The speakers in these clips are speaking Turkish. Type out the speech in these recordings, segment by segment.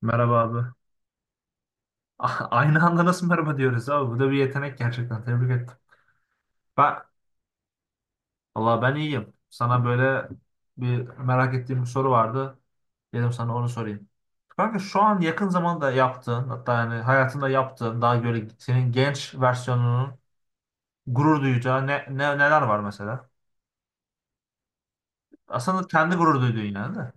Merhaba abi. Aynı anda nasıl merhaba diyoruz abi? Bu da bir yetenek gerçekten. Tebrik ettim. Ben, Allah, ben iyiyim. Sana böyle bir merak ettiğim bir soru vardı. Dedim sana onu sorayım. Kanka şu an yakın zamanda yaptığın, hatta yani hayatında yaptığın daha böyle senin genç versiyonunun gurur duyacağı neler var mesela? Aslında kendi gurur duyduğun yani de.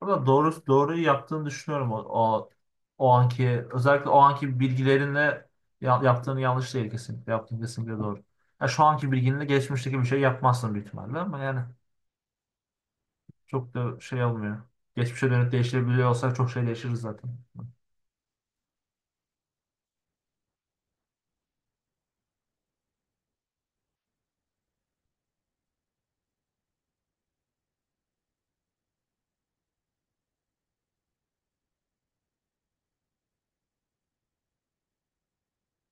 Ama doğruyu yaptığını düşünüyorum o anki, özellikle o anki bilgilerinle yaptığını, yanlış değil kesinlikle. Yaptığın kesinlikle doğru. Ya şu anki bilginle geçmişteki bir şey yapmazsın büyük ihtimalle ama yani çok da şey olmuyor. Geçmişe dönüp değiştirebiliyor olsak çok şey değişiriz zaten.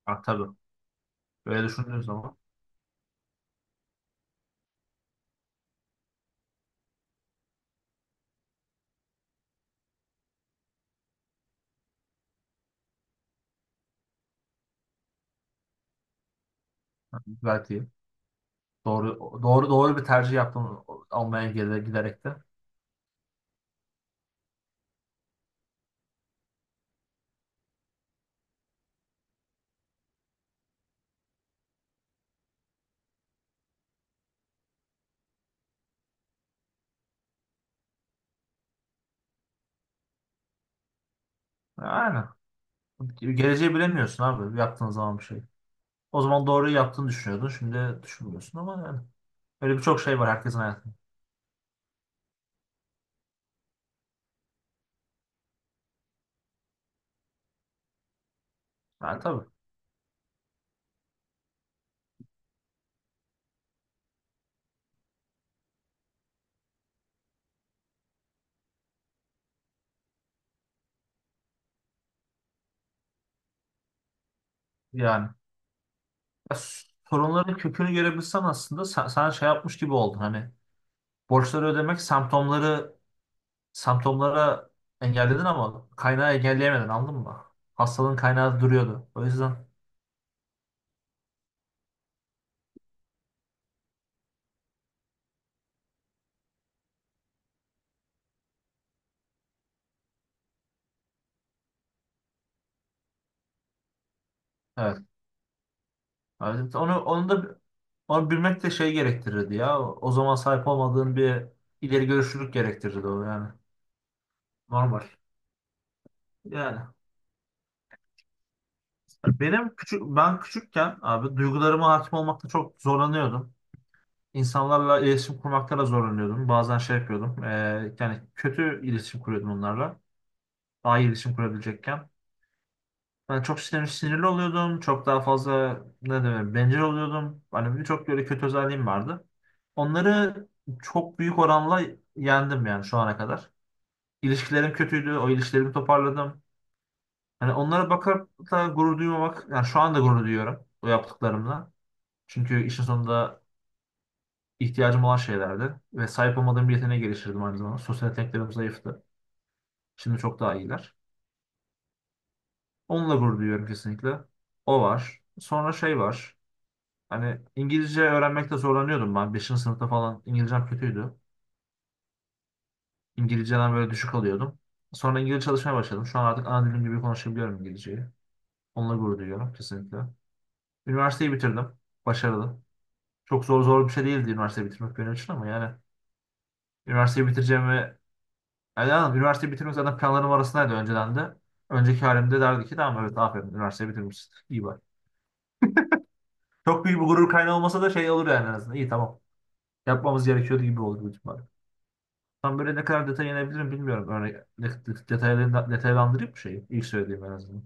Ha, tabii. Böyle düşündüğün zaman gayet iyi. Doğru, doğru, doğru bir tercih yaptım Almanya'ya giderek de. Aynen. Geleceği bilemiyorsun abi yaptığın zaman bir şey. O zaman doğruyu yaptığını düşünüyordun. Şimdi düşünmüyorsun ama yani. Öyle birçok şey var herkesin hayatında. Yani tabii. Yani, ya, sorunların kökünü görebilsen aslında sen şey yapmış gibi oldun. Hani borçları ödemek semptomlara engelledin ama kaynağı engelleyemedin, anladın mı? Hastalığın kaynağı duruyordu. O yüzden, evet. Evet, onu bilmek de şey gerektirirdi ya. O zaman sahip olmadığın bir ileri görüşlülük gerektirirdi o yani. Normal. Yani benim küçük, ben küçükken abi, duygularıma hakim olmakta çok zorlanıyordum. İnsanlarla iletişim kurmakta da zorlanıyordum. Bazen şey yapıyordum. Yani kötü iletişim kuruyordum onlarla. Daha iyi iletişim kurabilecekken. Ben çok sinirli oluyordum. Çok daha fazla, ne demek, bencil oluyordum. Hani birçok böyle kötü özelliğim vardı. Onları çok büyük oranla yendim yani şu ana kadar. İlişkilerim kötüydü. O ilişkilerimi toparladım. Hani onlara bakıp da gurur duymamak. Yani şu anda gurur duyuyorum o yaptıklarımla. Çünkü işin sonunda ihtiyacım olan şeylerdi. Ve sahip olmadığım bir yeteneğe geliştirdim aynı zamanda. Sosyal yeteneklerim zayıftı. Şimdi çok daha iyiler. Onunla gurur duyuyorum kesinlikle. O var. Sonra şey var. Hani İngilizce öğrenmekte zorlanıyordum ben. 5. sınıfta falan İngilizcem kötüydü. İngilizceden böyle düşük alıyordum. Sonra İngilizce çalışmaya başladım. Şu an artık ana dilim gibi konuşabiliyorum İngilizceyi. Onunla gurur duyuyorum kesinlikle. Üniversiteyi bitirdim. Başarılı. Çok zor zor bir şey değildi üniversiteyi bitirmek benim için ama yani üniversiteyi bitireceğimi, yani, anladım, üniversiteyi bitirmek zaten planlarım arasındaydı önceden de. Önceki halimde derdi ki tamam, evet, aferin, üniversiteyi bitirmişsin. İyi, bak. Çok büyük bir gurur kaynağı olmasa da şey olur yani en azından. İyi, tamam. Yapmamız gerekiyordu gibi oldu bu ihtimal. Tam böyle ne kadar detay inebilirim bilmiyorum. Örnek detaylarını detaylandırayım mı şeyi? İlk söylediğim en azından.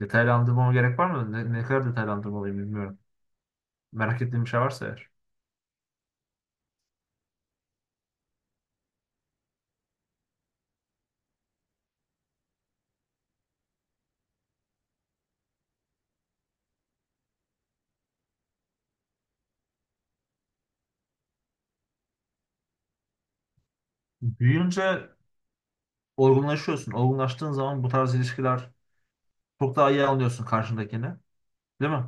Detaylandırmama gerek var mı? Ne kadar detaylandırmalıyım bilmiyorum. Merak ettiğim bir şey varsa eğer. Büyüyünce olgunlaşıyorsun. Olgunlaştığın zaman bu tarz ilişkiler, çok daha iyi anlıyorsun karşındakini. Değil mi?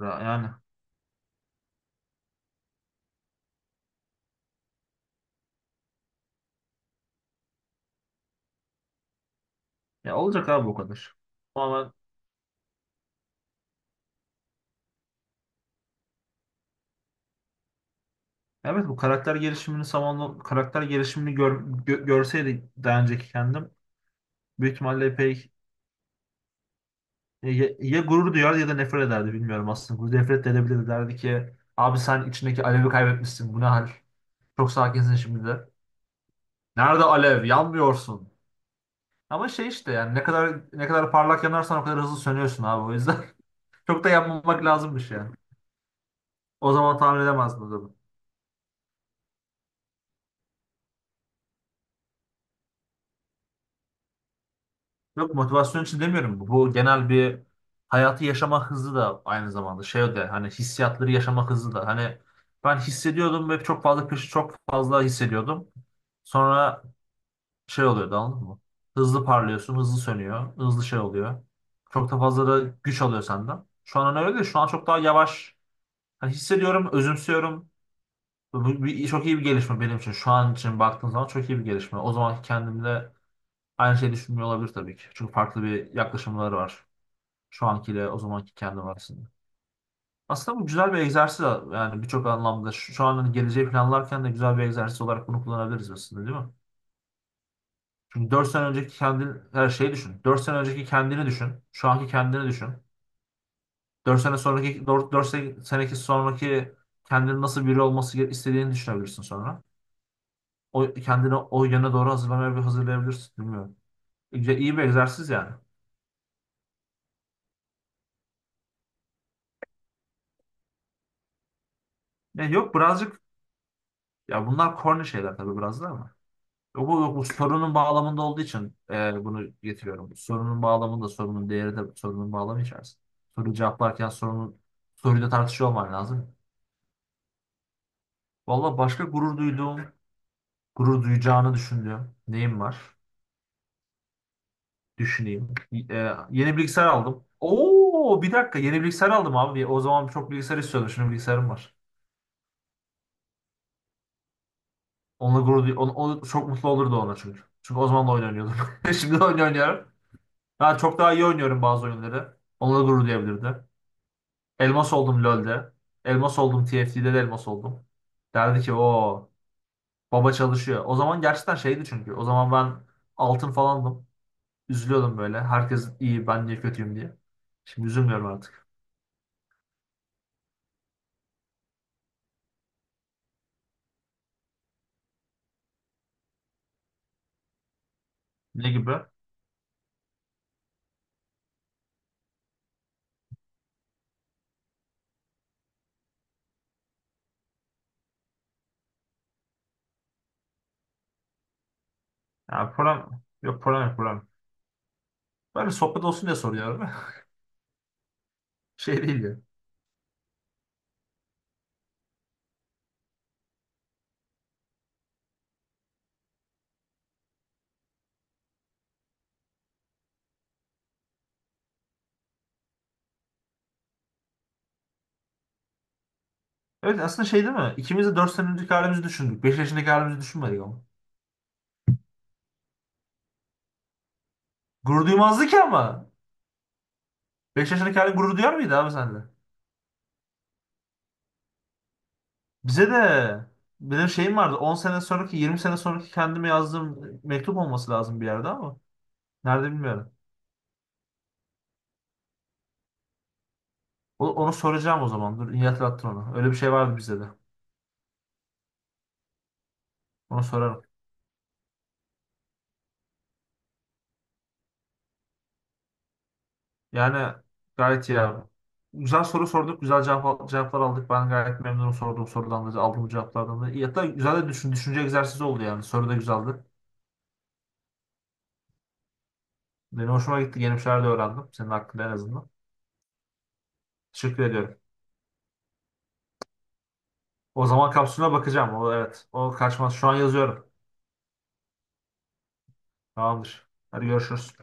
Yani. Ya olacak abi o kadar. Tamamen. Evet, bu karakter gelişimini zamanla, karakter gelişimini görseydi daha önceki kendim, büyük ihtimalle epey, ya ya gurur duyar ya da nefret ederdi bilmiyorum aslında. Nefret de edebilirdi, derdi ki abi sen içindeki alevi kaybetmişsin, bu ne hal? Çok sakinsin şimdi de. Nerede alev? Yanmıyorsun. Ama şey işte yani, ne kadar ne kadar parlak yanarsan o kadar hızlı sönüyorsun abi, o yüzden çok da yanmamak lazımmış yani. O zaman tahmin edemezdim o zaman. Yok, motivasyon için demiyorum bu. Bu genel bir hayatı yaşama hızı da aynı zamanda, şey de, hani hissiyatları yaşama hızı da, hani ben hissediyordum ve çok fazla, kış, çok fazla hissediyordum. Sonra şey oluyordu, anladın mı? Hızlı parlıyorsun, hızlı sönüyor, hızlı şey oluyor. Çok da fazla da güç alıyor senden. Şu an hani öyle değil. Şu an çok daha yavaş. Hani hissediyorum, özümsüyorum. Bu bir, çok iyi bir gelişme benim için. Şu an için baktığım zaman çok iyi bir gelişme. O zamanki kendimde aynı şeyi düşünmüyor olabilir tabii ki. Çünkü farklı bir yaklaşımları var. Şu ankiyle o zamanki kendim arasında. Aslında bu güzel bir egzersiz yani birçok anlamda. Şu an hani geleceği planlarken de güzel bir egzersiz olarak bunu kullanabiliriz aslında, değil mi? Çünkü 4 sene önceki kendini, her şeyi düşün. 4 sene önceki kendini düşün. Şu anki kendini düşün. Dört sene sonraki, dört seneki sonraki kendinin nasıl biri olması istediğini düşünebilirsin sonra. O kendini o yöne doğru hazırlamaya bir hazırlayabilirsin. Bilmiyorum. İyi, iyi bir egzersiz yani. Ne, yok birazcık, ya bunlar corny şeyler tabii biraz da ama. Yok, bu sorunun bağlamında olduğu için bunu getiriyorum. Sorunun bağlamında sorunun değeri de sorunun bağlamı içerisinde. Soruyu cevaplarken sorunun soruyla tartışıyor olman lazım. Valla başka gurur duyduğum, gurur duyacağını düşündüğüm neyim var? Düşüneyim. Yeni bilgisayar aldım. Oo, bir dakika, yeni bilgisayar aldım abi. O zaman çok bilgisayar istiyordum. Şimdi bilgisayarım var. Onunla gurur duy onu, onu- çok mutlu olurdu ona çünkü. Çünkü o zaman da oyun oynuyordum. Şimdi de oyun oynuyorum. Daha çok daha iyi oynuyorum bazı oyunları. Onunla gurur duyabilirdi. Elmas oldum LoL'de. Elmas oldum TFT'de de elmas oldum. Derdi ki o baba çalışıyor. O zaman gerçekten şeydi çünkü. O zaman ben altın falandım. Üzülüyordum böyle. Herkes iyi, ben niye kötüyüm diye. Şimdi üzülmüyorum artık. Ne gibi? Yani problem, yok problem yok problem. Böyle sohbet olsun diye soruyorum. Şey değil ya. Evet aslında şey değil mi? İkimiz de 4 sene önceki halimizi düşündük. 5 yaşındaki halimizi düşünmedik ama. Gurur duymazdı ki ama. 5 yaşındaki halin gurur duyar mıydı abi sende? Bize de benim şeyim vardı. 10 sene sonraki, 20 sene sonraki kendime yazdığım mektup olması lazım bir yerde ama. Nerede bilmiyorum. Onu soracağım o zaman. Dur, iyi hatırlattın onu. Öyle bir şey vardı bize de. Onu sorarım. Yani gayet iyi abi. Güzel soru sorduk, güzel cevaplar aldık. Ben gayet memnunum sorduğum sorudan da, aldığım cevaplardan da. İyi. Hatta güzel de düşünce egzersizi oldu yani. Soru da güzeldi. Benim hoşuma gitti, yeni bir şeyler de öğrendim. Senin hakkında en azından. Teşekkür ediyorum. O zaman kapsülüne bakacağım. O, evet, o kaçmaz. Şu an yazıyorum. Tamamdır. Hadi görüşürüz.